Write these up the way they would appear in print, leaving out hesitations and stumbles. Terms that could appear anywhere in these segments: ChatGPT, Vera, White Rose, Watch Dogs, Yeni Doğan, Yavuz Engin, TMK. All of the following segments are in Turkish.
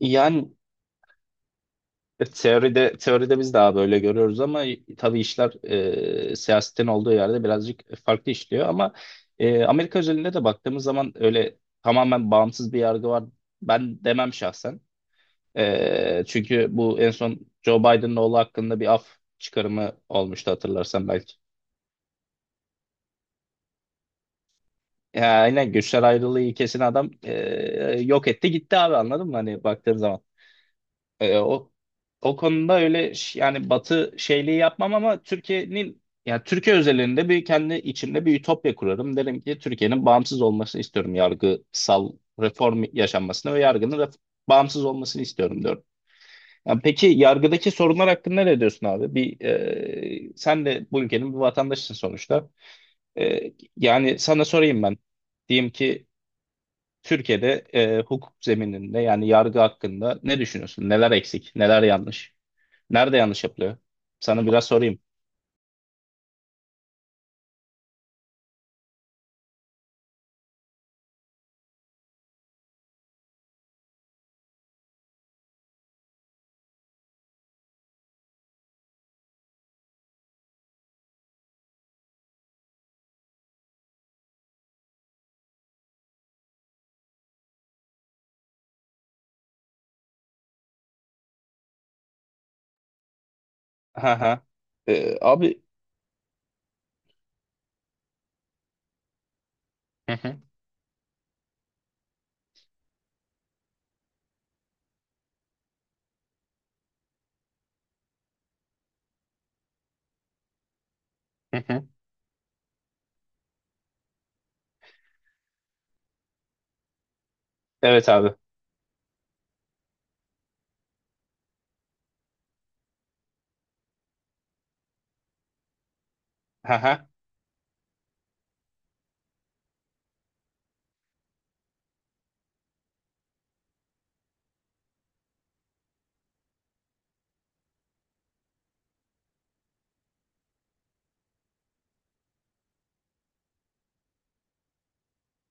Yani teoride teoride biz daha böyle görüyoruz ama tabii işler siyasetin olduğu yerde birazcık farklı işliyor ama Amerika özelinde de baktığımız zaman öyle tamamen bağımsız bir yargı var ben demem şahsen. Çünkü bu en son Joe Biden'ın oğlu hakkında bir af çıkarımı olmuştu hatırlarsan belki. Ya aynen güçler ayrılığı ilkesini adam yok etti gitti abi anladın mı hani baktığın zaman. E, o o konuda öyle yani Batı şeyliği yapmam ama Türkiye'nin yani Türkiye özelinde bir kendi içimde bir ütopya kurarım. Derim ki Türkiye'nin bağımsız olmasını istiyorum. Yargısal reform yaşanmasını ve yargının bağımsız olmasını istiyorum diyorum. Yani peki yargıdaki sorunlar hakkında ne diyorsun abi? Bir sen de bu ülkenin bir vatandaşısın sonuçta. Yani sana sorayım ben. Diyeyim ki Türkiye'de hukuk zemininde yani yargı hakkında ne düşünüyorsun? Neler eksik, neler yanlış? Nerede yanlış yapılıyor? Sana biraz sorayım. Ha ha. Abi. Hı hı, hı hı. Evet abi. Ha ha.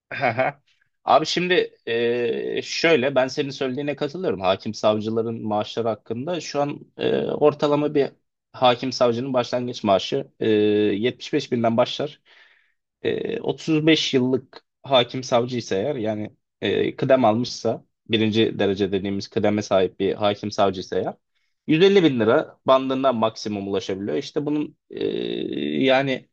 Ha ha. Abi şimdi şöyle ben senin söylediğine katılıyorum. Hakim savcıların maaşları hakkında şu an ortalama bir hakim savcının başlangıç maaşı 75 binden başlar. 35 yıllık hakim savcıysa eğer yani kıdem almışsa birinci derece dediğimiz kıdeme sahip bir hakim savcıysa eğer 150 bin lira bandında maksimum ulaşabiliyor. İşte bunun yani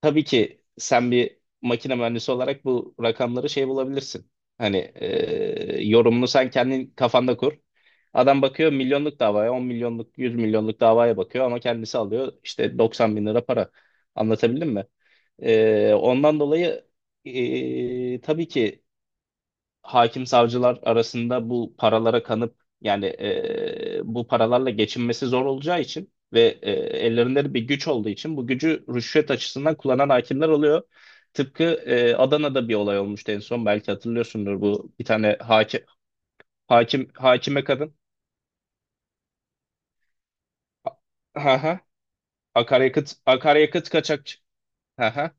tabii ki sen bir makine mühendisi olarak bu rakamları şey bulabilirsin. Hani yorumunu sen kendin kafanda kur. Adam bakıyor milyonluk davaya, 10 milyonluk, 100 milyonluk davaya bakıyor ama kendisi alıyor işte 90 bin lira para. Anlatabildim mi? Ondan dolayı tabii ki hakim savcılar arasında bu paralara kanıp yani bu paralarla geçinmesi zor olacağı için ve ellerinde bir güç olduğu için bu gücü rüşvet açısından kullanan hakimler oluyor. Tıpkı Adana'da bir olay olmuştu en son belki hatırlıyorsundur bu bir tane hakime kadın. Ha ha. Akaryakıt akaryakıt kaçak. Ha ha.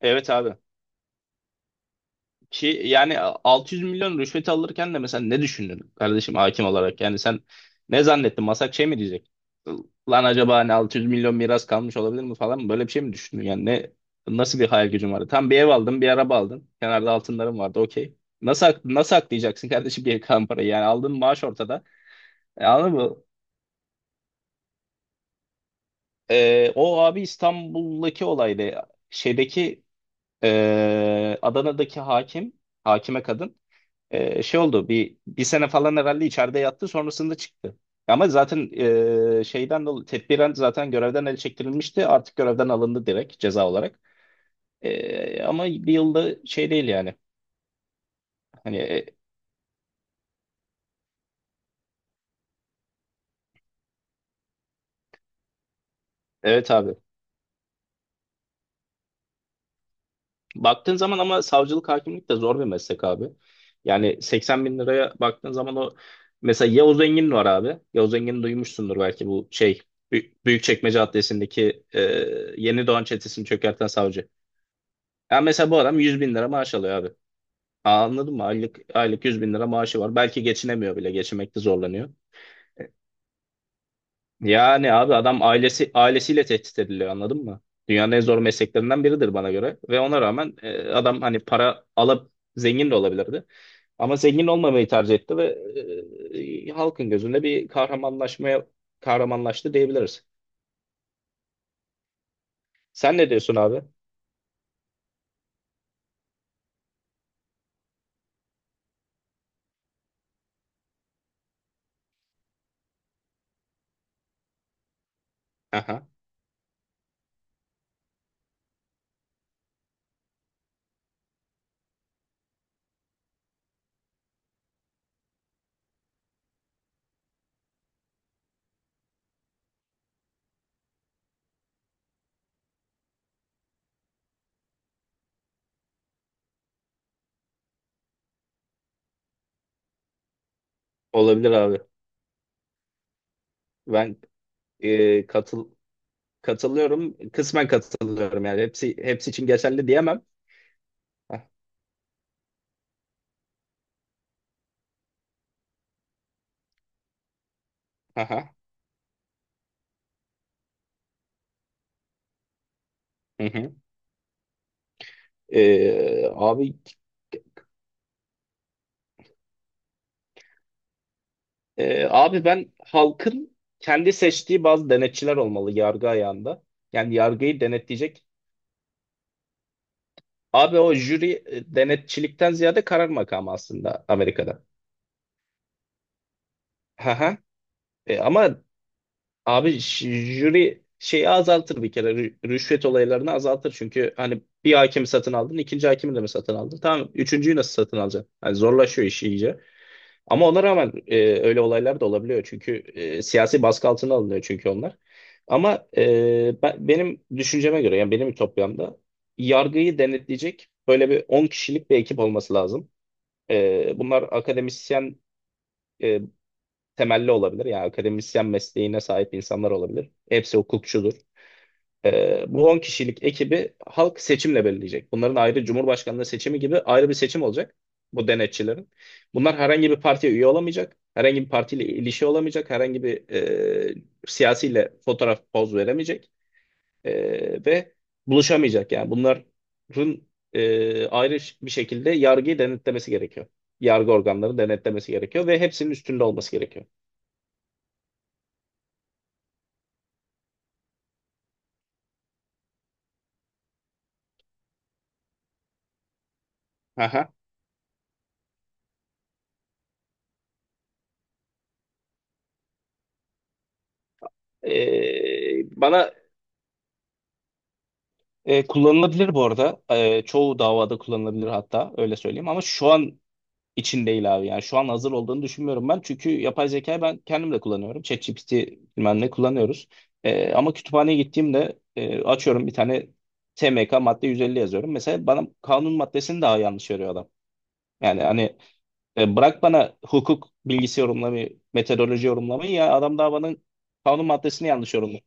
Evet abi. Ki yani 600 milyon rüşvet alırken de mesela ne düşündün kardeşim hakim olarak? Yani sen ne zannettin? Masak şey mi diyecek? Lan acaba hani 600 milyon miras kalmış olabilir mi falan mı? Böyle bir şey mi düşündün? Yani nasıl bir hayal gücün vardı? Tam bir ev aldın, bir araba aldın. Kenarda altınların vardı. Okey. Nasıl aklayacaksın kardeşim bir kalan parayı? Yani aldığın maaş ortada. Anladın mı? O abi İstanbul'daki olaydı. Şeydeki Adana'daki hakim, hakime kadın. Şey oldu bir sene falan herhalde içeride yattı sonrasında çıktı. Ama zaten şeyden dolayı tedbiren zaten görevden el çektirilmişti. Artık görevden alındı direkt ceza olarak. Ama bir yılda şey değil yani. Hani, evet abi. Baktığın zaman ama savcılık hakimlik de zor bir meslek abi. Yani 80 bin liraya baktığın zaman o mesela Yavuz Engin var abi. Yavuz Engin'i duymuşsundur belki bu şey Büyükçekmece Adliyesi'ndeki Yeni Doğan çetesini çökerten savcı. Ya mesela bu adam 100 bin lira maaş alıyor abi. Aa. Anladın mı? Aylık, aylık 100 bin lira maaşı var. Belki geçinemiyor bile. Geçinmekte zorlanıyor. Yani abi adam ailesiyle tehdit ediliyor anladın mı? Dünyanın en zor mesleklerinden biridir bana göre. Ve ona rağmen adam hani para alıp zengin de olabilirdi. Ama zengin olmamayı tercih etti ve halkın gözünde bir kahramanlaştı diyebiliriz. Sen ne diyorsun abi? Aha, olabilir abi. Ben e, katıl katılıyorum. Kısmen katılıyorum yani. Hepsi hepsi için geçerli diyemem. Hah. Aha. Hı hı. Ee, abi Abi ben halkın kendi seçtiği bazı denetçiler olmalı yargı ayağında. Yani yargıyı denetleyecek. Abi o jüri denetçilikten ziyade karar makamı aslında Amerika'da. Aha. Ama abi jüri şeyi azaltır bir kere, rüşvet olaylarını azaltır, çünkü hani bir hakimi satın aldın, ikinci hakimi de mi satın aldın, tamam, üçüncüyü nasıl satın alacaksın? Hani zorlaşıyor iş iyice. Ama ona rağmen öyle olaylar da olabiliyor. Çünkü siyasi baskı altına alınıyor çünkü onlar. Ama benim düşünceme göre yani benim ütopyamda yargıyı denetleyecek böyle bir 10 kişilik bir ekip olması lazım. Bunlar akademisyen e, temelli olabilir. Yani akademisyen mesleğine sahip insanlar olabilir. Hepsi hukukçudur. Bu 10 kişilik ekibi halk seçimle belirleyecek. Bunların, ayrı Cumhurbaşkanlığı seçimi gibi, ayrı bir seçim olacak bu denetçilerin. Bunlar herhangi bir partiye üye olamayacak. Herhangi bir partiyle ilişki olamayacak. Herhangi bir siyasiyle fotoğraf poz veremeyecek. Ve buluşamayacak. Yani bunların ayrı bir şekilde yargıyı denetlemesi gerekiyor. Yargı organları denetlemesi gerekiyor ve hepsinin üstünde olması gerekiyor. Aha. E, bana Kullanılabilir bu arada. Çoğu davada kullanılabilir, hatta öyle söyleyeyim. Ama şu an için değil abi. Yani şu an hazır olduğunu düşünmüyorum ben. Çünkü yapay zekayı ben kendim de kullanıyorum. ChatGPT bilmem ne kullanıyoruz. Ama kütüphaneye gittiğimde açıyorum, bir tane TMK madde 150 yazıyorum mesela, bana kanun maddesini daha yanlış veriyor adam. Yani hani bırak bana hukuk bilgisi yorumlamayı, metodoloji yorumlamayı, ya adam daha bana kanun maddesini yanlış yorumluyor.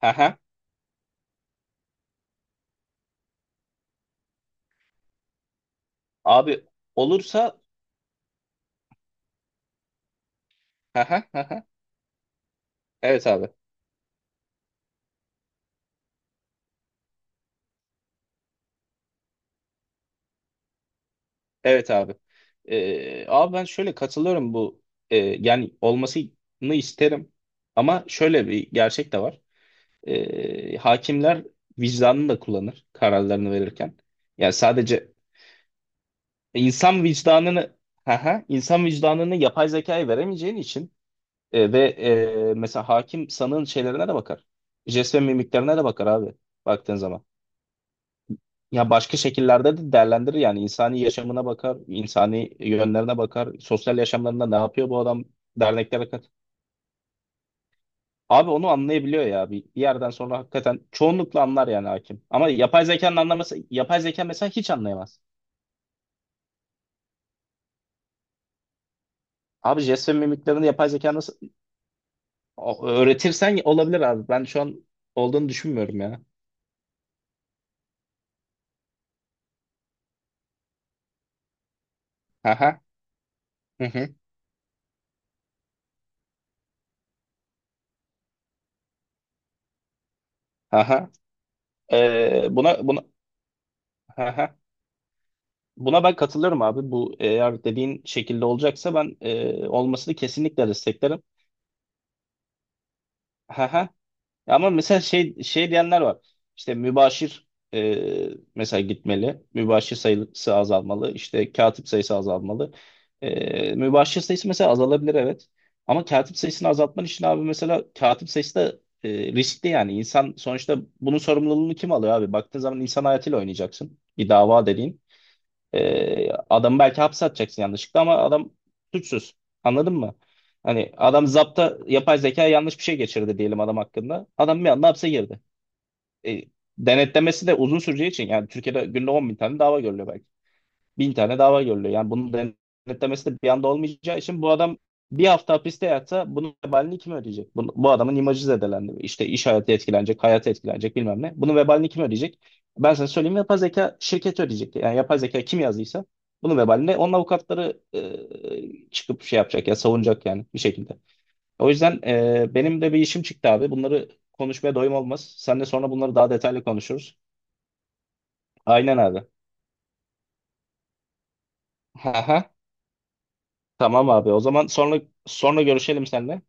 Hı hı. Abi olursa hı hı hı hı. Evet abi. Evet abi. Abi ben şöyle katılıyorum bu yani olmasını isterim, ama şöyle bir gerçek de var. Hakimler vicdanını da kullanır kararlarını verirken. Yani sadece insan vicdanını, insan vicdanını yapay zekaya veremeyeceğin için ve mesela hakim sanığın şeylerine de bakar. Jest ve mimiklerine de bakar abi, baktığın zaman. Ya başka şekillerde de değerlendirir yani, insani yaşamına bakar, insani yönlerine bakar, sosyal yaşamlarında ne yapıyor bu adam, derneklere kat. Abi onu anlayabiliyor ya, bir yerden sonra hakikaten çoğunlukla anlar yani hakim. Ama yapay zekanın anlaması, yapay zeka mesela hiç anlayamaz. Abi jest ve mimiklerini yapay zeka nasıl öğretirsen olabilir abi. Ben şu an olduğunu düşünmüyorum ya. Aha. Hı hı. Aha. Buna aha. Buna ben katılırım abi. Bu eğer dediğin şekilde olacaksa ben olmasını kesinlikle desteklerim. Haha. Ama mesela şey şey diyenler var. İşte mübaşir e, mesela gitmeli. Mübaşir sayısı azalmalı. İşte katip sayısı azalmalı. Mübaşir sayısı mesela azalabilir, evet. Ama katip sayısını azaltman için abi, mesela katip sayısı da riskli yani. İnsan sonuçta bunun sorumluluğunu kim alıyor abi? Baktığın zaman insan hayatıyla oynayacaksın. Bir dava dediğin. Adamı belki hapse atacaksın yanlışlıkla, ama adam suçsuz. Anladın mı? Hani adam, zapta yapay zeka yanlış bir şey geçirdi diyelim adam hakkında. Adam bir anda hapse girdi. E, Denetlemesi de uzun süreceği için, yani Türkiye'de günde 10 bin tane dava görülüyor belki, bin tane dava görülüyor. Yani bunu denetlemesi de bir anda olmayacağı için, bu adam bir hafta hapiste yatsa bunun vebalini kim ödeyecek? Bu adamın imajı zedelendi. İşte iş hayatı etkilenecek, hayatı etkilenecek, bilmem ne. Bunun vebalini kim ödeyecek? Ben sana söyleyeyim, yapay zeka şirketi ödeyecek. Yani yapay zeka kim yazdıysa bunun vebalini onun avukatları çıkıp şey yapacak ya, savunacak yani bir şekilde. O yüzden benim de bir işim çıktı abi. Bunları konuşmaya doyum olmaz. Seninle sonra bunları daha detaylı konuşuruz. Aynen abi. Tamam abi. O zaman sonra sonra görüşelim seninle.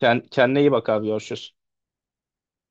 Kendine iyi bak abi. Görüşürüz.